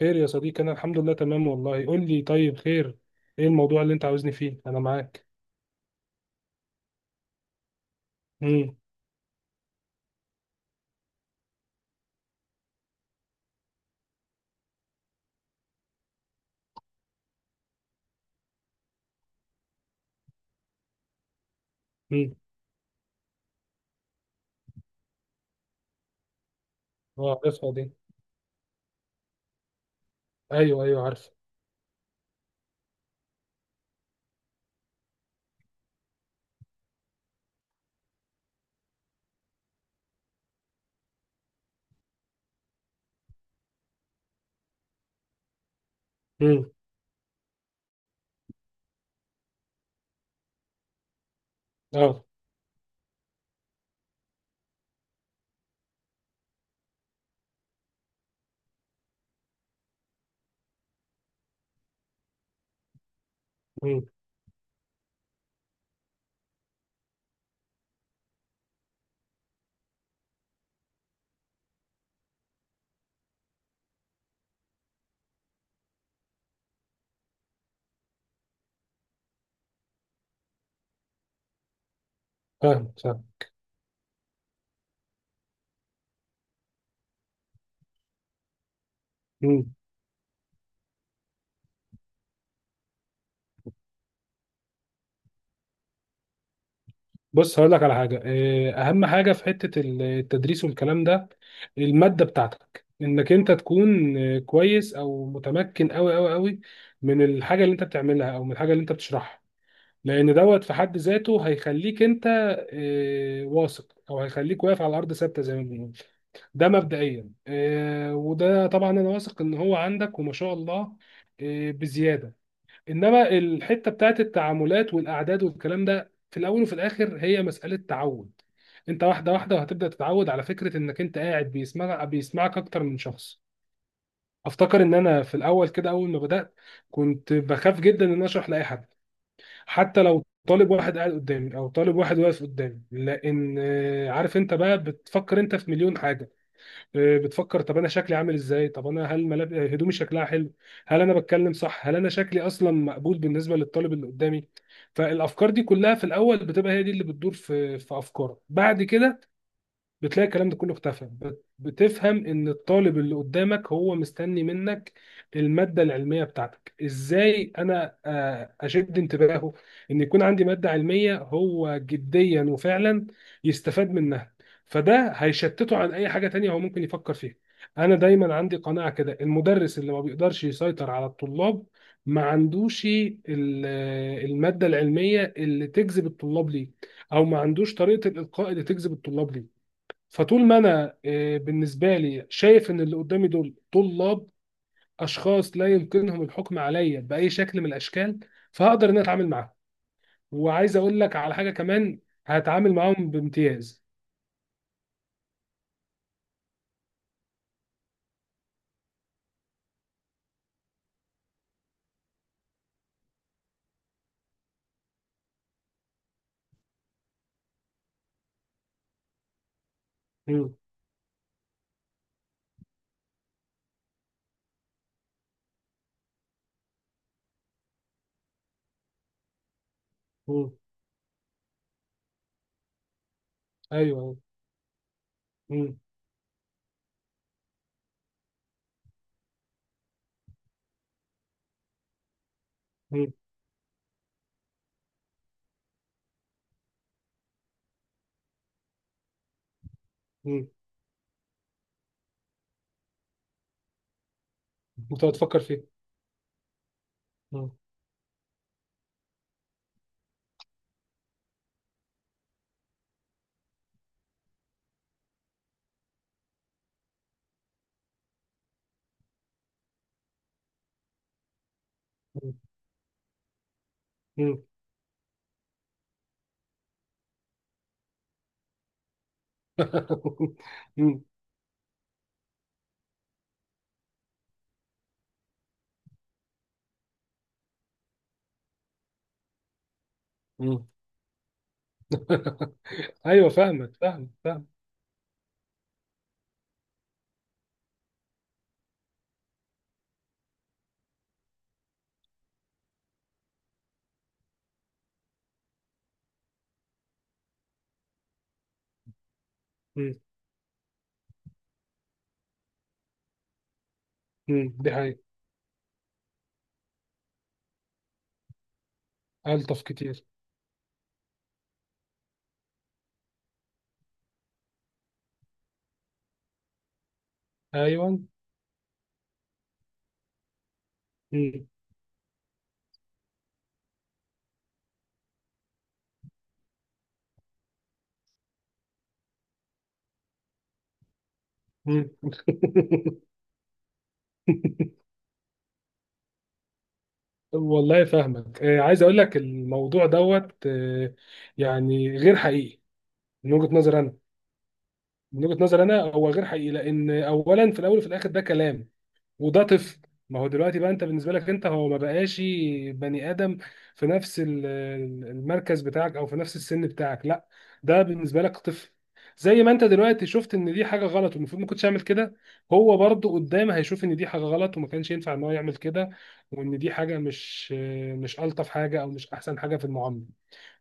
خير يا صديقي، انا الحمد لله تمام والله. قول لي طيب، خير. ايه الموضوع اللي انت عاوزني فيه؟ انا معاك. امم. امم. اه، عارفها دي. ايوه ايوه عارف. امم. اه. امم. فاهم فاهم. امم. بص هقول لك على حاجه. اهم حاجه في حته التدريس والكلام ده الماده بتاعتك، انك انت تكون كويس او متمكن قوي قوي قوي من الحاجه اللي انت بتعملها او من الحاجه اللي انت بتشرحها، لان دوت في حد ذاته هيخليك انت واثق، او هيخليك واقف على ارض ثابته زي ما بنقول. ده مبدئيا، وده طبعا انا واثق ان هو عندك وما شاء الله، بزياده. انما الحته بتاعت التعاملات والاعداد والكلام ده، في الاول وفي الاخر هي مساله تعود. انت واحده واحده وهتبدا تتعود على فكره انك انت قاعد بيسمعك اكتر من شخص. افتكر ان انا في الاول كده اول ما بدات كنت بخاف جدا ان أنا اشرح لاي حد، حتى لو طالب واحد قاعد قدامي او طالب واحد واقف قدامي، لان عارف انت بقى بتفكر انت في مليون حاجه. بتفكر طب انا شكلي عامل ازاي؟ طب انا هل ملاب... آه، هدومي شكلها حلو؟ هل انا بتكلم صح؟ هل انا شكلي اصلا مقبول بالنسبه للطالب اللي قدامي؟ فالافكار دي كلها في الاول بتبقى هي دي اللي بتدور في افكارك. بعد كده بتلاقي الكلام ده كله اختفى، بتفهم ان الطالب اللي قدامك هو مستني منك المادة العلمية بتاعتك. ازاي انا اشد انتباهه، ان يكون عندي مادة علمية هو جديا وفعلا يستفاد منها؟ فده هيشتته عن اي حاجة تانية هو ممكن يفكر فيها. انا دايما عندي قناعة كده، المدرس اللي ما بيقدرش يسيطر على الطلاب ما عندوش المادة العلمية اللي تجذب الطلاب ليه، او ما عندوش طريقة الالقاء اللي تجذب الطلاب ليه. فطول ما انا بالنسبه لي شايف ان اللي قدامي دول طلاب، اشخاص لا يمكنهم الحكم عليا باي شكل من الاشكال، فهقدر ان أنا اتعامل معاهم. وعايز اقول لك على حاجه كمان، هتعامل معاهم بامتياز. مم. مم. ايوه. مم. مم. مم. انت هتفكر فيه. مم. مم. مم. مم. مم. ايوه فاهمك فاهم فاهم. مم. مم. دي حقيقة. الطف كتير. ايوه. مم. مم. والله فاهمك. عايز اقول لك الموضوع دوت، يعني غير حقيقي من وجهة نظر انا. من وجهة نظر انا هو غير حقيقي، لان اولا في الاول وفي الاخر ده كلام، وده طفل. ما هو دلوقتي بقى انت بالنسبه لك، انت هو ما بقاش بني ادم في نفس ال- المركز بتاعك او في نفس السن بتاعك. لا، ده بالنسبه لك طفل. زي ما انت دلوقتي شفت ان دي حاجه غلط والمفروض ما كنتش اعمل كده، هو برضه قدام هيشوف ان دي حاجه غلط وما كانش ينفع ان هو يعمل كده، وان دي حاجه مش الطف حاجه، او مش احسن حاجه في المعامله.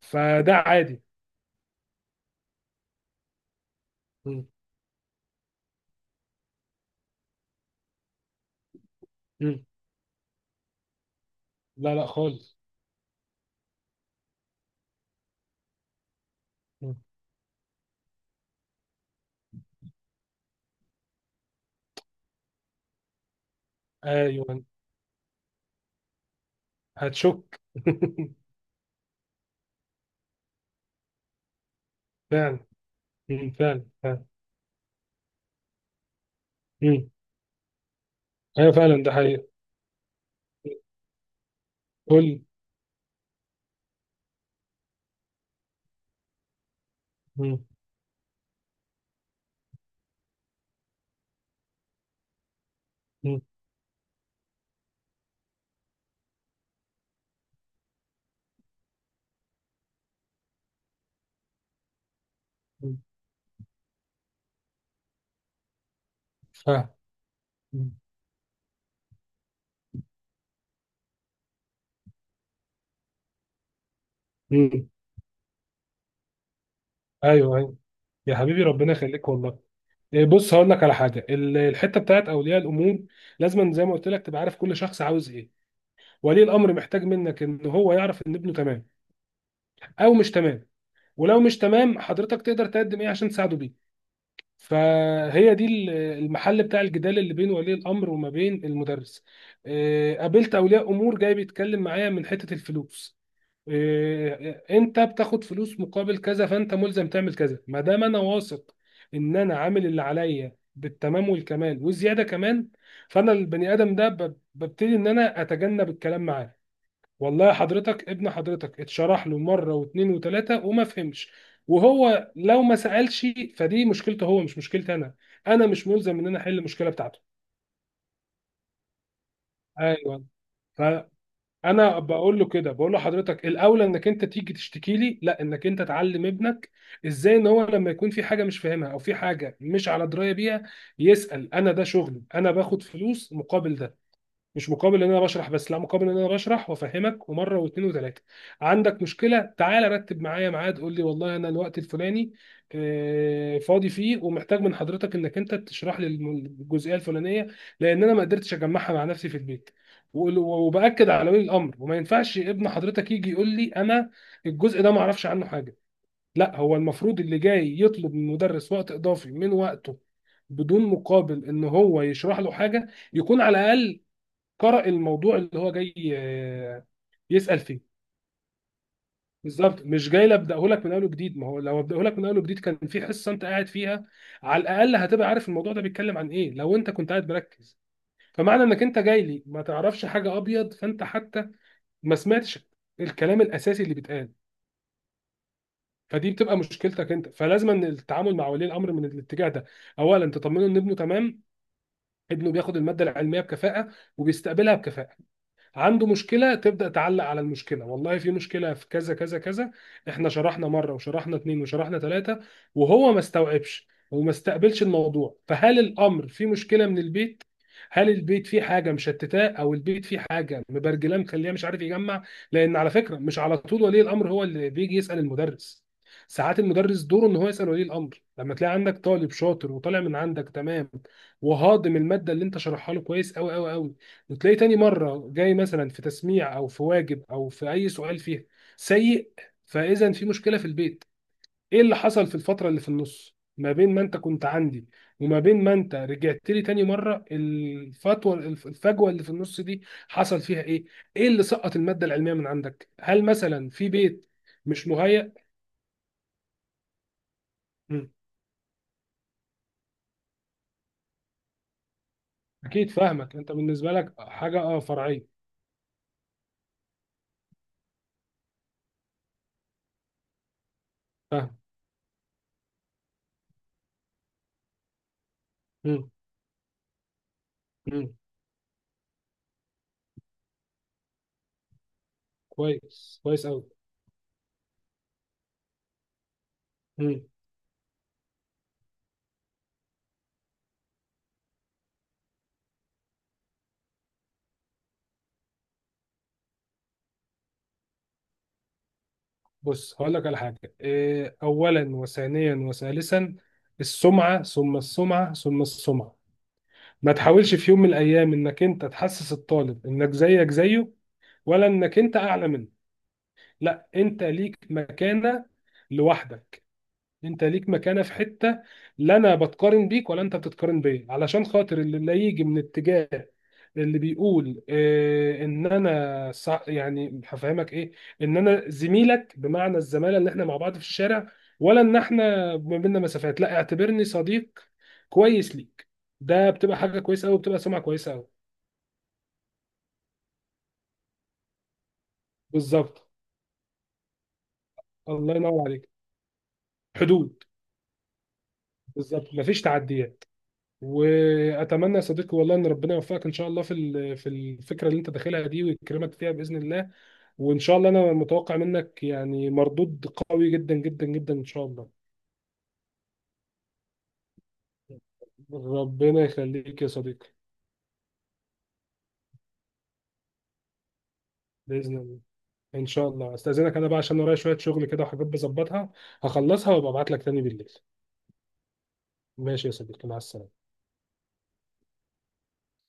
فده عادي. م. م. لا لا خالص. م. ايوه. هتشك. فعلا. م. فعلا. فعلا. ايوه فعلا ده حقيقي. قول. مم. مم. مم. فاهم. مم. مم. ايوه ايوه. يا حبيبي ربنا يخليك والله. بص هقول لك على حاجه. الحته بتاعت اولياء الامور لازم زي ما قلت لك تبقى عارف كل شخص عاوز ايه. ولي الامر محتاج منك ان هو يعرف ان ابنه تمام او مش تمام، ولو مش تمام حضرتك تقدر تقدم ايه عشان تساعده بيه. فهي دي المحل بتاع الجدال اللي بين ولي الامر وما بين المدرس. قابلت اولياء امور جاي بيتكلم معايا من حته الفلوس، انت بتاخد فلوس مقابل كذا فانت ملزم تعمل كذا. ما دام انا واثق ان انا عامل اللي عليا بالتمام والكمال والزياده كمان، فانا البني ادم ده ببتدي ان انا اتجنب الكلام معاه. والله حضرتك، ابن حضرتك اتشرح له مره واثنين وثلاثه وما فهمش، وهو لو ما سالش فدي مشكلته هو، مش مشكلتي انا. انا مش ملزم ان انا احل المشكله بتاعته. ايوه. ف- انا بقول له كده، بقول له حضرتك الاولى انك انت تيجي تشتكي لي لا انك انت تعلم ابنك ازاي، ان هو لما يكون في حاجه مش فاهمها او في حاجه مش على درايه بيها يسال. انا ده شغلي، انا باخد فلوس مقابل ده، مش مقابل ان انا بشرح بس لا، مقابل ان انا بشرح وافهمك ومره واثنين وثلاثه. عندك مشكله؟ تعالى رتب معايا ميعاد، قول لي والله انا الوقت الفلاني فاضي فيه ومحتاج من حضرتك انك انت تشرح لي الجزئيه الفلانيه لان انا ما قدرتش اجمعها مع نفسي في البيت. وباكد على ولي الامر، وما ينفعش ابن حضرتك يجي يقول لي انا الجزء ده ما اعرفش عنه حاجه. لا، هو المفروض اللي جاي يطلب من المدرس وقت اضافي من وقته بدون مقابل، ان هو يشرح له حاجه يكون على الاقل قرأ الموضوع اللي هو جاي يسأل فيه. بالظبط، مش جاي ابداه لك من اول جديد. ما هو لو ابداه لك من اول جديد، كان في حصه انت قاعد فيها على الاقل هتبقى عارف الموضوع ده بيتكلم عن ايه لو انت كنت قاعد مركز. فمعنى انك انت جاي لي ما تعرفش حاجه ابيض، فانت حتى ما سمعتش الكلام الاساسي اللي بيتقال، فدي بتبقى مشكلتك انت. فلازم ان التعامل مع ولي الامر من الاتجاه ده، اولا تطمنه ان ابنه تمام، ابنه بياخد الماده العلميه بكفاءه وبيستقبلها بكفاءه. عنده مشكلة، تبدأ تعلق على المشكلة، والله في مشكلة في كذا كذا كذا، احنا شرحنا مرة وشرحنا اتنين وشرحنا تلاتة وهو ما استوعبش وما استقبلش الموضوع. فهل الأمر في مشكلة من البيت؟ هل البيت فيه حاجة مشتتاه، أو البيت فيه حاجة مبرجلاه مخليه مش عارف يجمع؟ لأن على فكرة مش على طول ولي الأمر هو اللي بيجي يسأل المدرس، ساعات المدرس دوره ان هو يسأل ولي الأمر. لما تلاقي عندك طالب شاطر وطالع من عندك تمام، وهاضم المادة اللي انت شرحها له كويس قوي قوي قوي، وتلاقيه تاني مرة جاي مثلا في تسميع أو في واجب أو في أي سؤال فيها سيء، فإذا في مشكلة في البيت. إيه اللي حصل في الفترة اللي في النص ما بين ما أنت كنت عندي وما بين ما أنت رجعت لي تاني مرة؟ الفجوة اللي في النص دي حصل فيها إيه؟ إيه اللي سقط المادة العلمية من عندك؟ هل مثلا في بيت مش مهيأ؟ مم. أكيد فاهمك، أنت بالنسبة لك حاجة فرعية. فاهم. مم. مم. كويس كويس أوي. بص هقول لك على حاجة. أولا وثانيا وثالثا، السمعة ثم السمعة ثم السمعة. ما تحاولش في يوم من الأيام إنك أنت تحسس الطالب إنك زيك زيه، ولا إنك أنت أعلى منه. لا، أنت ليك مكانة لوحدك. أنت ليك مكانة في حتة لا أنا بتقارن بيك ولا أنت بتتقارن بيا، علشان خاطر اللي لا يجي من اتجاه اللي بيقول ان انا يعني هفهمك ايه، ان انا زميلك بمعنى الزماله اللي احنا مع بعض في الشارع، ولا ان احنا ما بيننا مسافات؟ لا، اعتبرني صديق كويس ليك، ده بتبقى حاجه كويسه قوي، بتبقى سمعه كويسه قوي. بالظبط. الله ينور عليك. حدود. بالظبط، مفيش تعديات. واتمنى يا صديقي والله ان ربنا يوفقك ان شاء الله في الفكره اللي انت داخلها دي، ويكرمك فيها باذن الله. وان شاء الله انا متوقع منك يعني مردود قوي جدا جدا جدا ان شاء الله. ربنا يخليك يا صديقي. بإذن الله. إن شاء الله. أستأذنك أنا بقى عشان ورايا شوية شغل كده وحاجات بظبطها، هخلصها وأبقى أبعت لك تاني بالليل. ماشي يا صديقي، مع السلامة.